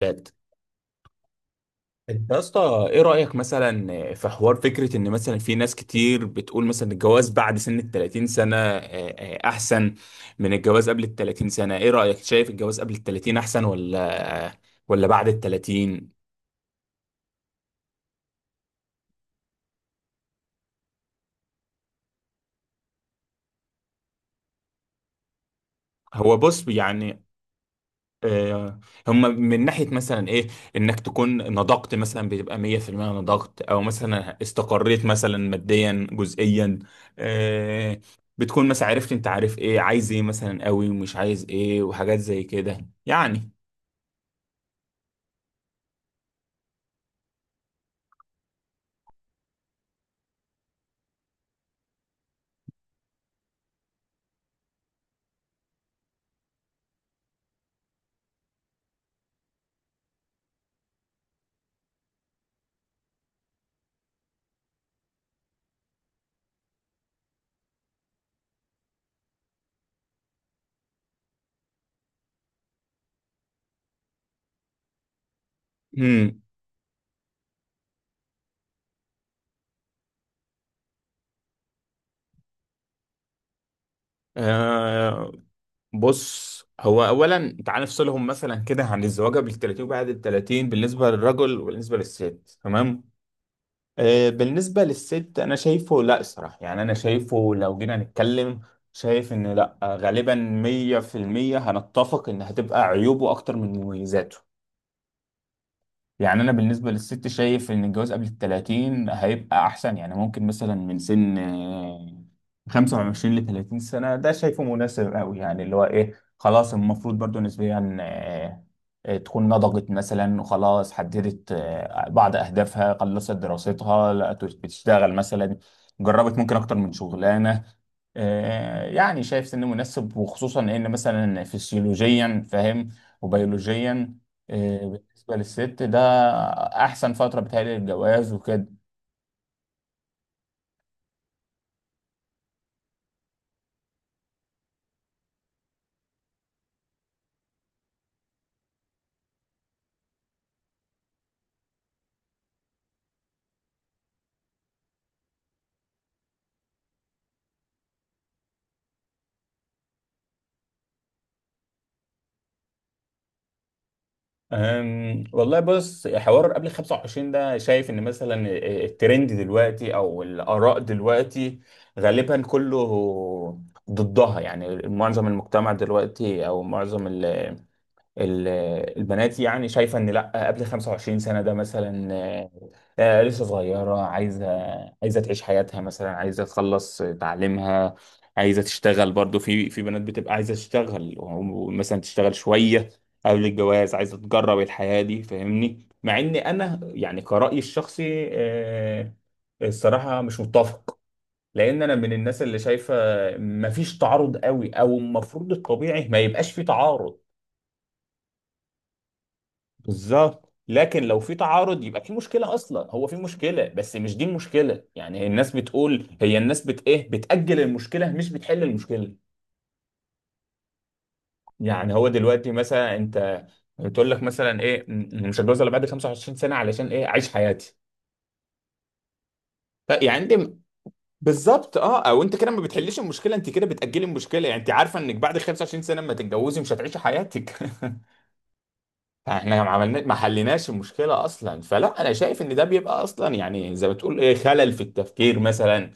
بات. انت يا اسطى، ايه رايك مثلا في حوار فكره ان مثلا في ناس كتير بتقول مثلا الجواز بعد سن ال 30 سنه احسن من الجواز قبل ال 30 سنه؟ ايه رايك؟ شايف الجواز قبل ال 30 احسن ولا ولا بعد ال 30؟ هو بص، يعني آه، هم من ناحية مثلا ايه، انك تكون نضجت مثلا، بتبقى 100% نضجت او مثلا استقريت مثلا ماديا جزئيا. آه، بتكون مثلا عرفت انت عارف ايه عايز ايه مثلا قوي ومش عايز ايه وحاجات زي كده يعني. امم آه بص، هو اولا تعال نفصلهم مثلا كده عن الزواج قبل ال 30 وبعد ال 30، بالنسبة للرجل وبالنسبة للست. تمام، بالنسبة للست أنا شايفه، لأ صراحة، يعني أنا شايفه لو جينا نتكلم، شايف إن لأ، غالبا مية في المية هنتفق إن هتبقى عيوبه أكتر من مميزاته. يعني انا بالنسبه للست شايف ان الجواز قبل ال 30 هيبقى احسن، يعني ممكن مثلا من سن 25 ل 30 سنه. ده شايفه مناسب قوي، يعني اللي هو ايه، خلاص المفروض برضو نسبيا تكون نضجت مثلا وخلاص حددت بعض اهدافها، خلصت دراستها، لقت بتشتغل مثلا، جربت ممكن اكتر من شغلانه. يعني شايف سن مناسب، وخصوصا ان مثلا فسيولوجيا فاهم، وبيولوجيا. بالنسبة للست ده أحسن فترة بتهيألي للجواز وكده. والله بص، حوار قبل 25 ده شايف ان مثلا الترند دلوقتي او الاراء دلوقتي غالبا كله ضدها، يعني معظم المجتمع دلوقتي او معظم ال- البنات يعني شايفة ان لا قبل 25 سنة ده مثلا لسه صغيرة، عايزة تعيش حياتها، مثلا عايزة تخلص تعليمها، عايزة تشتغل برضو، في بنات بتبقى عايزة تشتغل ومثلا تشتغل شوية قبل الجواز، عايزة تجرب الحياة دي فاهمني؟ مع ان انا يعني كرأيي الشخصي، الصراحة مش متفق، لان انا من الناس اللي شايفة مفيش تعارض قوي، او المفروض الطبيعي ما يبقاش في تعارض. بالظبط، لكن لو في تعارض يبقى في مشكله اصلا، هو في مشكله بس مش دي المشكله، يعني الناس بتقول، هي الناس بت ايه، بتاجل المشكله مش بتحل المشكله. يعني هو دلوقتي مثلا انت بتقول لك مثلا ايه مش هتجوز الا بعد 25 سنه علشان ايه، اعيش حياتي. يعني انت بالظبط، اه او انت كده ما بتحلش المشكله، انت كده بتاجلي المشكله. يعني انت عارفه انك بعد 25 سنه ما تتجوزي مش هتعيشي حياتك. احنا ما عملنا، ما حليناش المشكله اصلا. فلا انا شايف ان ده بيبقى اصلا، يعني زي ما تقول ايه، خلل في التفكير مثلا،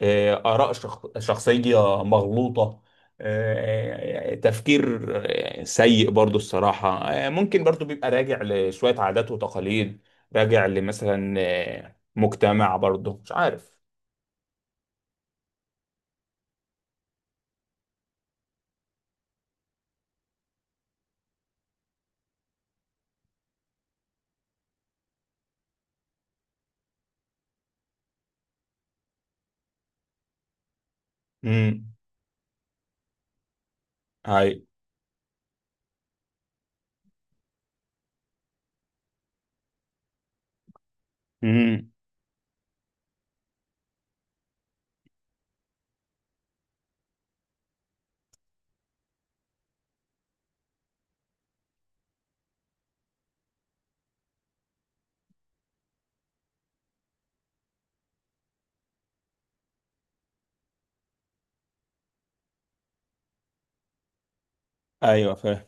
إيه اراء شخصيه مغلوطه، إيه تفكير إيه سيء برضو الصراحه، إيه ممكن برضو بيبقى راجع لشويه عادات وتقاليد، راجع لمثلا إيه مجتمع برضو مش عارف. امم هاي. امم ايوه فاهم.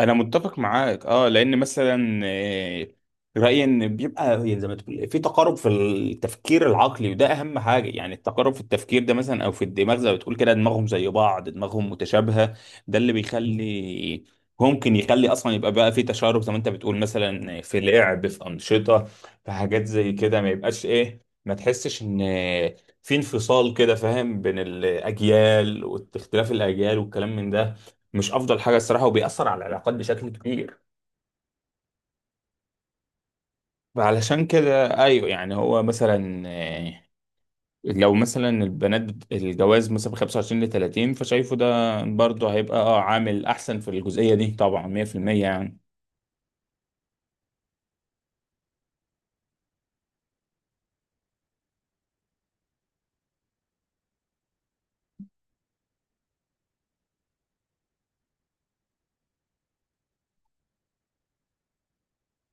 انا متفق معاك، اه لان مثلا رايي ان بيبقى هي زي ما تقول في تقارب في التفكير العقلي، وده اهم حاجه، يعني التقارب في التفكير ده مثلا او في الدماغ، زي ما بتقول كده، دماغهم زي بعض، دماغهم متشابهه. ده اللي بيخلي ممكن يخلي اصلا يبقى بقى في تشارب، زي ما انت بتقول مثلا في لعب، في انشطه، في حاجات زي كده، ما يبقاش ايه، ما تحسش ان في انفصال كده فاهم بين الاجيال، واختلاف الاجيال والكلام من ده، مش افضل حاجه الصراحه، وبيأثر على العلاقات بشكل كبير. فعلشان كده، ايوه يعني هو مثلا لو مثلا البنات الجواز مثلا من 25 ل 30، فشايفه ده برضه هيبقى اه عامل احسن في الجزئيه دي، طبعا 100% يعني.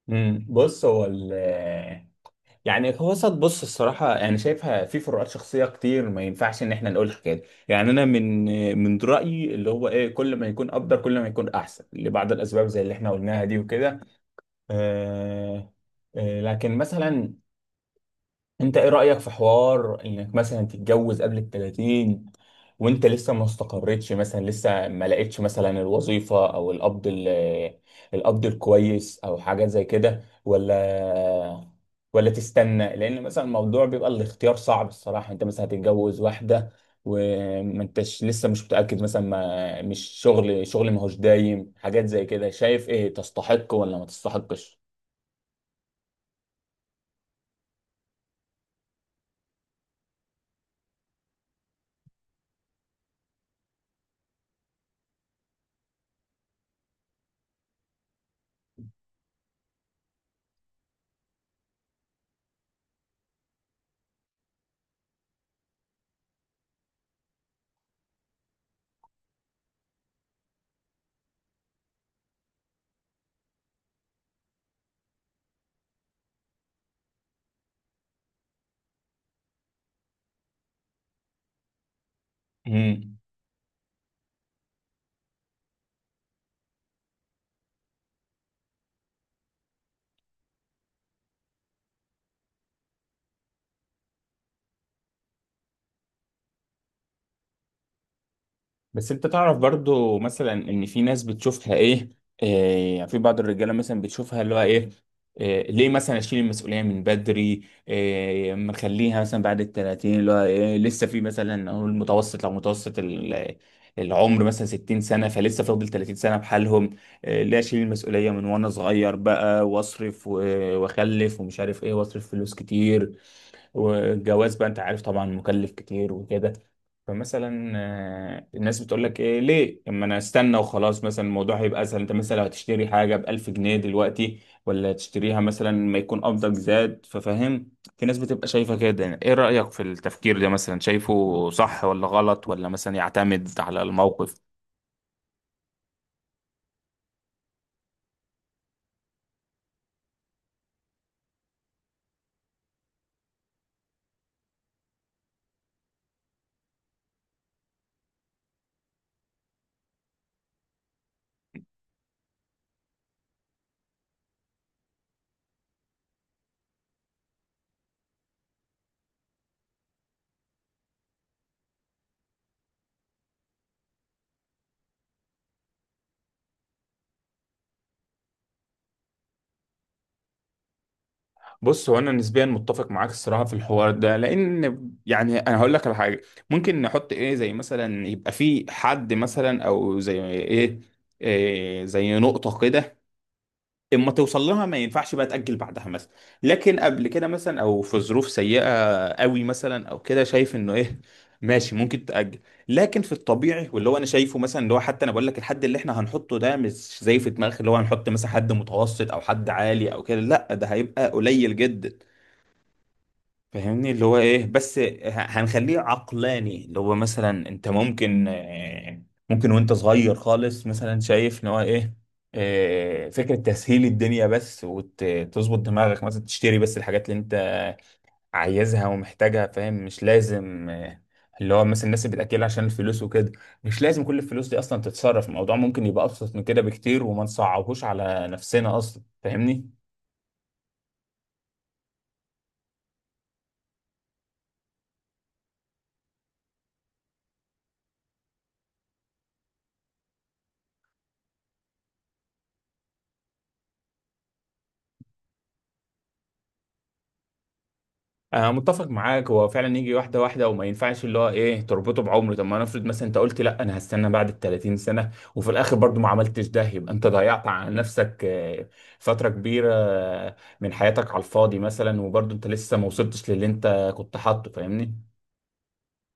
بص هو يعني هو صد بص الصراحة، أنا شايفها في فروقات شخصية كتير، ما ينفعش إن إحنا نقول الحكاية دي، يعني أنا من رأيي اللي هو إيه، كل ما يكون أفضل كل ما يكون أحسن، لبعض الأسباب زي اللي إحنا قلناها دي وكده. آه، لكن مثلا انت ايه رأيك في حوار انك مثلا تتجوز قبل ال 30 وانت لسه ما استقرتش مثلا، لسه ما لقيتش مثلا الوظيفة او القبض القبض الكويس، او حاجات زي كده، ولا ولا تستنى، لان مثلا الموضوع بيبقى الاختيار صعب الصراحة. انت مثلا هتتجوز واحدة وما انتش لسه مش متأكد مثلا، ما مش شغل شغل ما هوش دايم، حاجات زي كده. شايف ايه، تستحق ولا ما تستحقش؟ امم بس انت تعرف برضو مثلا ان في ناس بتشوفها ايه، إيه يعني في بعض الرجاله مثلا بتشوفها اللي هو ايه، إيه ليه مثلا اشيل المسؤوليه من بدري، إيه ما نخليها مثلا بعد ال 30 اللي هو إيه لسه في مثلا، اقول متوسط، لو متوسط العمر مثلا 60 سنه، فلسه فاضل 30 سنه بحالهم. إيه ليه اشيل المسؤوليه من وانا صغير بقى، واصرف واخلف ومش عارف ايه واصرف فلوس كتير، والجواز بقى انت عارف طبعا مكلف كتير وكده. فمثلا الناس بتقول لك ايه ليه، اما انا استنى وخلاص، مثلا الموضوع هيبقى اسهل، انت مثلا لو هتشتري حاجه ب 1000 جنيه دلوقتي، ولا تشتريها مثلا ما يكون قبضك زاد، ففاهم في ناس بتبقى شايفه كده يعني. ايه رايك في التفكير ده مثلا؟ شايفه صح ولا غلط ولا مثلا يعتمد على الموقف؟ بص هو انا نسبيا متفق معاك الصراحه في الحوار ده، لان يعني انا هقول لك على حاجه ممكن نحط ايه زي مثلا، يبقى في حد مثلا او زي ايه، إيه زي نقطه كده، اما توصل لها ما ينفعش بقى تاجل بعدها مثلا، لكن قبل كده مثلا او في ظروف سيئه قوي مثلا او كده شايف انه ايه، ماشي ممكن تاجل. لكن في الطبيعي، واللي هو انا شايفه مثلا اللي هو، حتى انا بقول لك الحد اللي احنا هنحطه ده مش زي في دماغك اللي هو هنحط مثلا حد متوسط او حد عالي او كده، لا ده هيبقى قليل جدا. فاهمني؟ اللي هو ايه، بس هنخليه عقلاني، اللي هو مثلا انت ممكن ممكن وانت صغير خالص مثلا شايف ان هو ايه، فكرة تسهيل الدنيا بس، وتظبط دماغك مثلا تشتري بس الحاجات اللي انت عايزها ومحتاجها فاهم، مش لازم اللي هو مثلا الناس اللي بتأكل عشان الفلوس وكده، مش لازم كل الفلوس دي اصلا تتصرف، الموضوع ممكن يبقى ابسط من كده بكتير، وما نصعبهوش على نفسنا اصلا فاهمني. أنا متفق معاك، هو فعلا يجي واحدة واحدة، وما ينفعش اللي هو إيه تربطه بعمره. طب ما نفرض مثلا أنت قلت لأ أنا هستنى بعد ال 30 سنة، وفي الآخر برضو ما عملتش ده، يبقى أنت ضيعت على نفسك فترة كبيرة من حياتك على الفاضي مثلا، وبرضو أنت لسه ما وصلتش للي أنت كنت حاطه، فاهمني؟